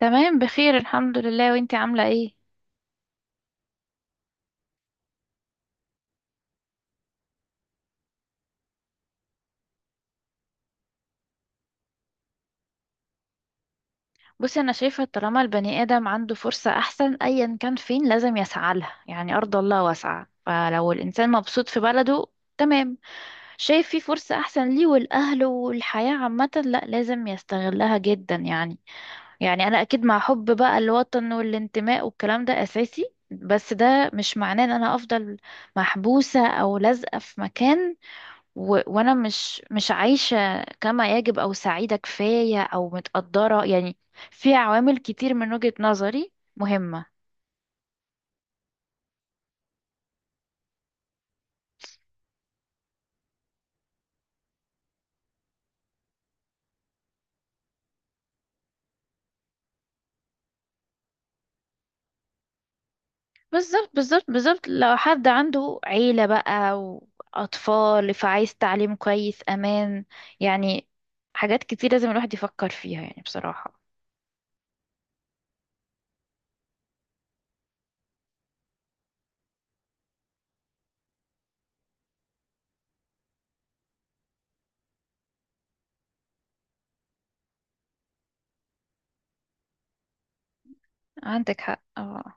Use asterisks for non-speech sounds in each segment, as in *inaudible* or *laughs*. تمام، بخير الحمد لله. وانتي عاملة ايه؟ بصي، انا شايفة طالما البني ادم عنده فرصة احسن ايا كان فين لازم يسعى لها. يعني ارض الله واسعة، فلو الانسان مبسوط في بلده تمام، شايف في فرصة احسن ليه والاهل والحياة عامة، لا لازم يستغلها جدا يعني. يعني انا اكيد مع حب بقى الوطن والانتماء والكلام ده اساسي، بس ده مش معناه ان انا افضل محبوسة او لازقة في مكان. وانا مش عايشة كما يجب او سعيدة كفاية او متقدرة يعني. في عوامل كتير من وجهة نظري مهمة. بالظبط بالظبط بالظبط، لو حد عنده عيلة بقى واطفال فعايز تعليم كويس، امان يعني، حاجات كتير لازم الواحد يفكر فيها يعني بصراحة. عندك حق، اه.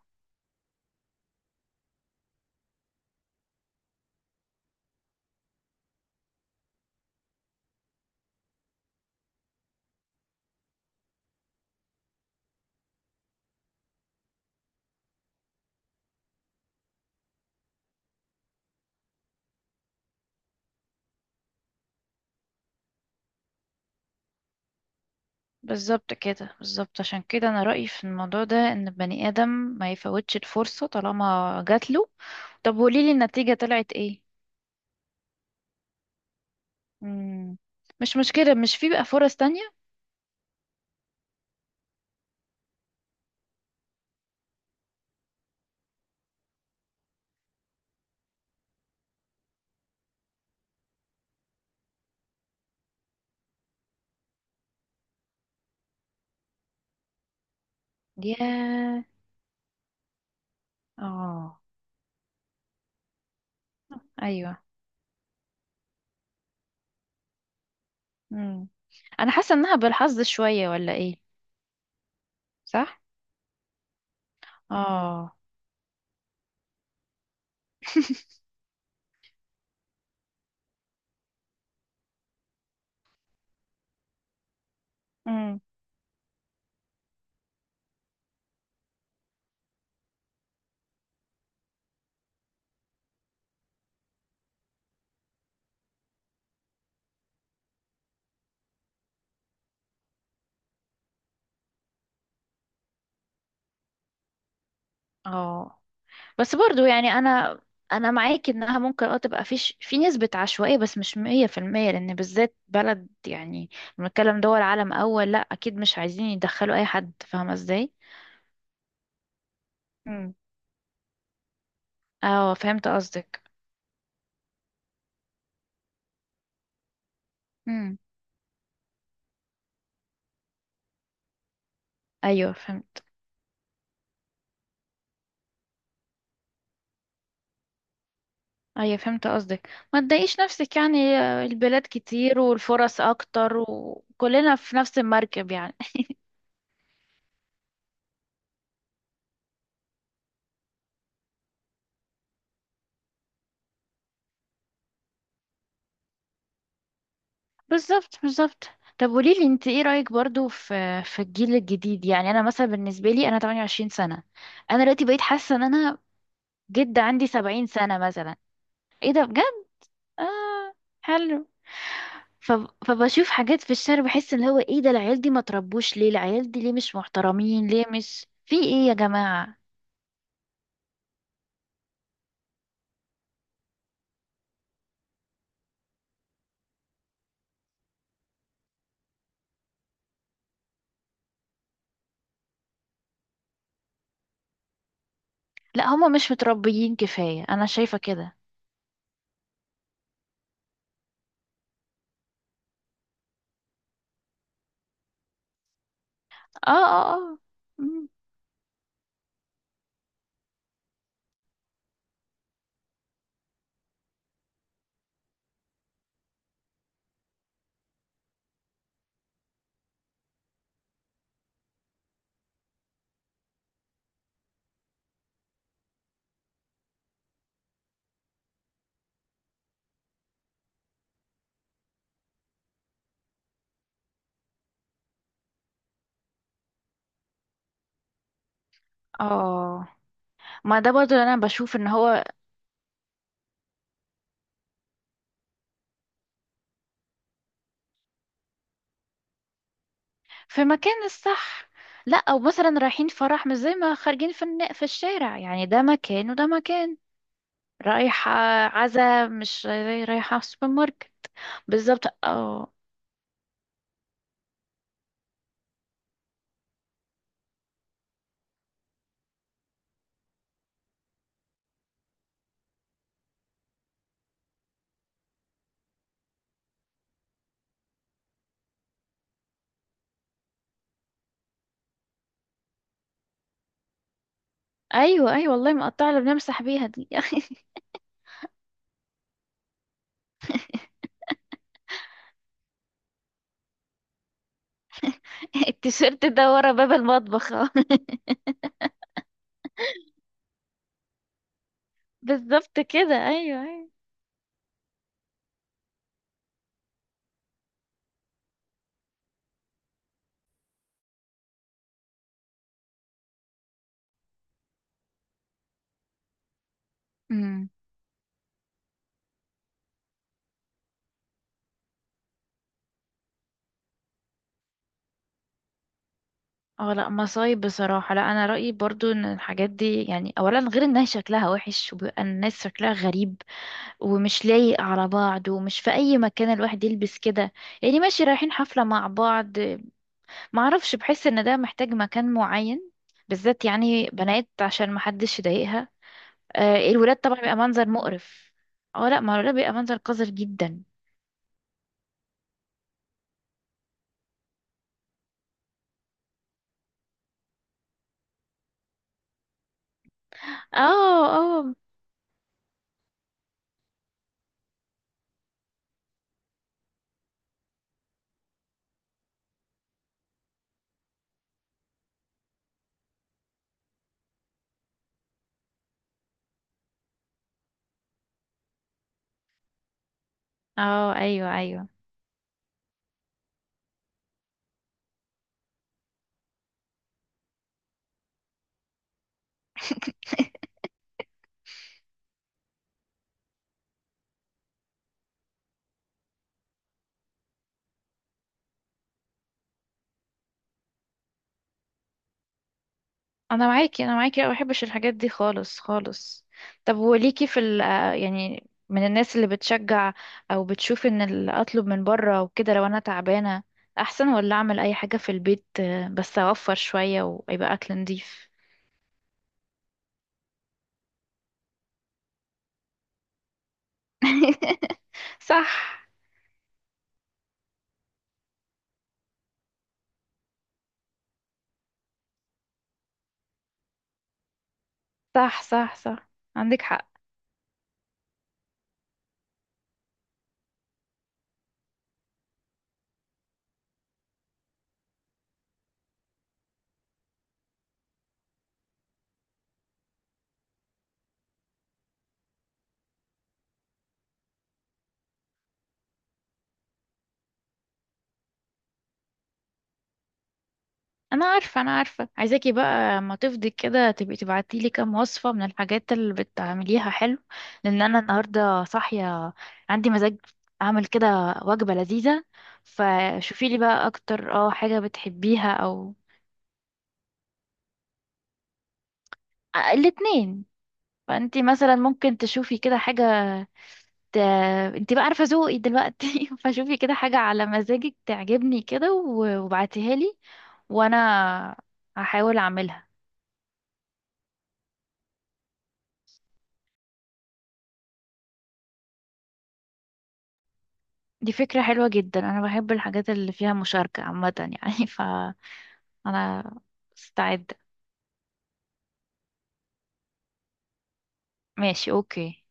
بالظبط كده، بالظبط، عشان كده انا رأيي في الموضوع ده ان البني ادم ما يفوتش الفرصة طالما جات له. طب قوليلي النتيجة طلعت ايه؟ مم. مش مشكلة، مش في بقى فرص تانية؟ ياه. اه. ايوه. مم. انا حاسة انها بالحظ شوية ولا ايه؟ صح. اه. *laughs* امم. اه، بس برضو يعني انا انا معاك انها ممكن اه تبقى فيش في نسبة عشوائية، بس مش مية في المية، لان بالذات بلد يعني بنتكلم دول عالم اول، لا اكيد مش عايزين يدخلوا اي حد، فاهمة ازاي. مم. اه فهمت قصدك. امم. ايوه فهمت. ايوه فهمت قصدك، ما تضايقيش نفسك يعني، آه، البلاد كتير والفرص اكتر، وكلنا في نفس المركب يعني. *laughs* بالظبط بالظبط. طب قوليلي، انت ايه رأيك برضو في في الجيل الجديد؟ يعني انا مثلا، بالنسبة لي، انا 28 سنة. انا دلوقتي بقيت حاسة ان انا جد عندي 70 سنة مثلا. ايه ده بجد؟ اه. حلو. ف... فبشوف حاجات في الشارع بحس ان هو ايه ده، العيال دي ما تربوش ليه؟ العيال دي ليه مش محترمين؟ ليه مش في ايه يا جماعة؟ لا هما مش متربيين كفاية، انا شايفة كده. اه اه اه. مم. اه، ما ده برضو اللي انا بشوف ان هو في مكان الصح. لا او مثلا رايحين فرح مش زي ما خارجين في في الشارع يعني، ده مكان وده مكان. رايحة عزا مش زي رايحة في سوبر ماركت. بالظبط اه. ايوه ايوه والله، مقطعة اللي بنمسح بيها دي. *laughs* التيشيرت ده ورا باب المطبخ، آه. *laughs* بالظبط كده ايوه ايوه. اه لا مصايب بصراحة. لا انا رأيي برضو ان الحاجات دي يعني، اولا غير انها شكلها وحش وبيبقى الناس شكلها غريب ومش لايق على بعض، ومش في اي مكان الواحد يلبس كده يعني. ماشي رايحين حفلة مع بعض، معرفش، بحس ان ده محتاج مكان معين، بالذات يعني بنات عشان محدش يضايقها. آه الولاد طبعا بيبقى منظر مقرف. اه لا، ما الولاد بيبقى منظر قذر جدا. اه اه اه. ايوه ايوه. *laughs* انا معاكي، انا معاكي، أنا ما بحبش الحاجات دي خالص خالص. طب وليكي في ال، آه، يعني من الناس اللي بتشجع او بتشوف ان اطلب من بره وكده لو انا تعبانه احسن، ولا اعمل اي حاجه في البيت آه، بس اوفر شويه ويبقى اكل نضيف. *laughs* صح صح صح. صح عندك حق. انا عارفه انا عارفه، عايزاكي بقى اما تفضي كده تبقي تبعتي لي كام وصفه من الحاجات اللي بتعمليها حلو، لان انا النهارده صاحيه، عندي مزاج اعمل كده وجبه لذيذه. فشوفي لي بقى اكتر اه حاجه بتحبيها او، آه، الاتنين. فانتي مثلا ممكن تشوفي كده حاجه ت... انتي بقى عارفه ذوقي دلوقتي، *laughs* فشوفي كده حاجه على مزاجك تعجبني كده وابعتيها لي وانا هحاول اعملها. دي فكرة حلوة جدا، أنا بحب الحاجات اللي فيها مشاركة عامة يعني. *laughs* فأنا استعد. ماشي، أوكي.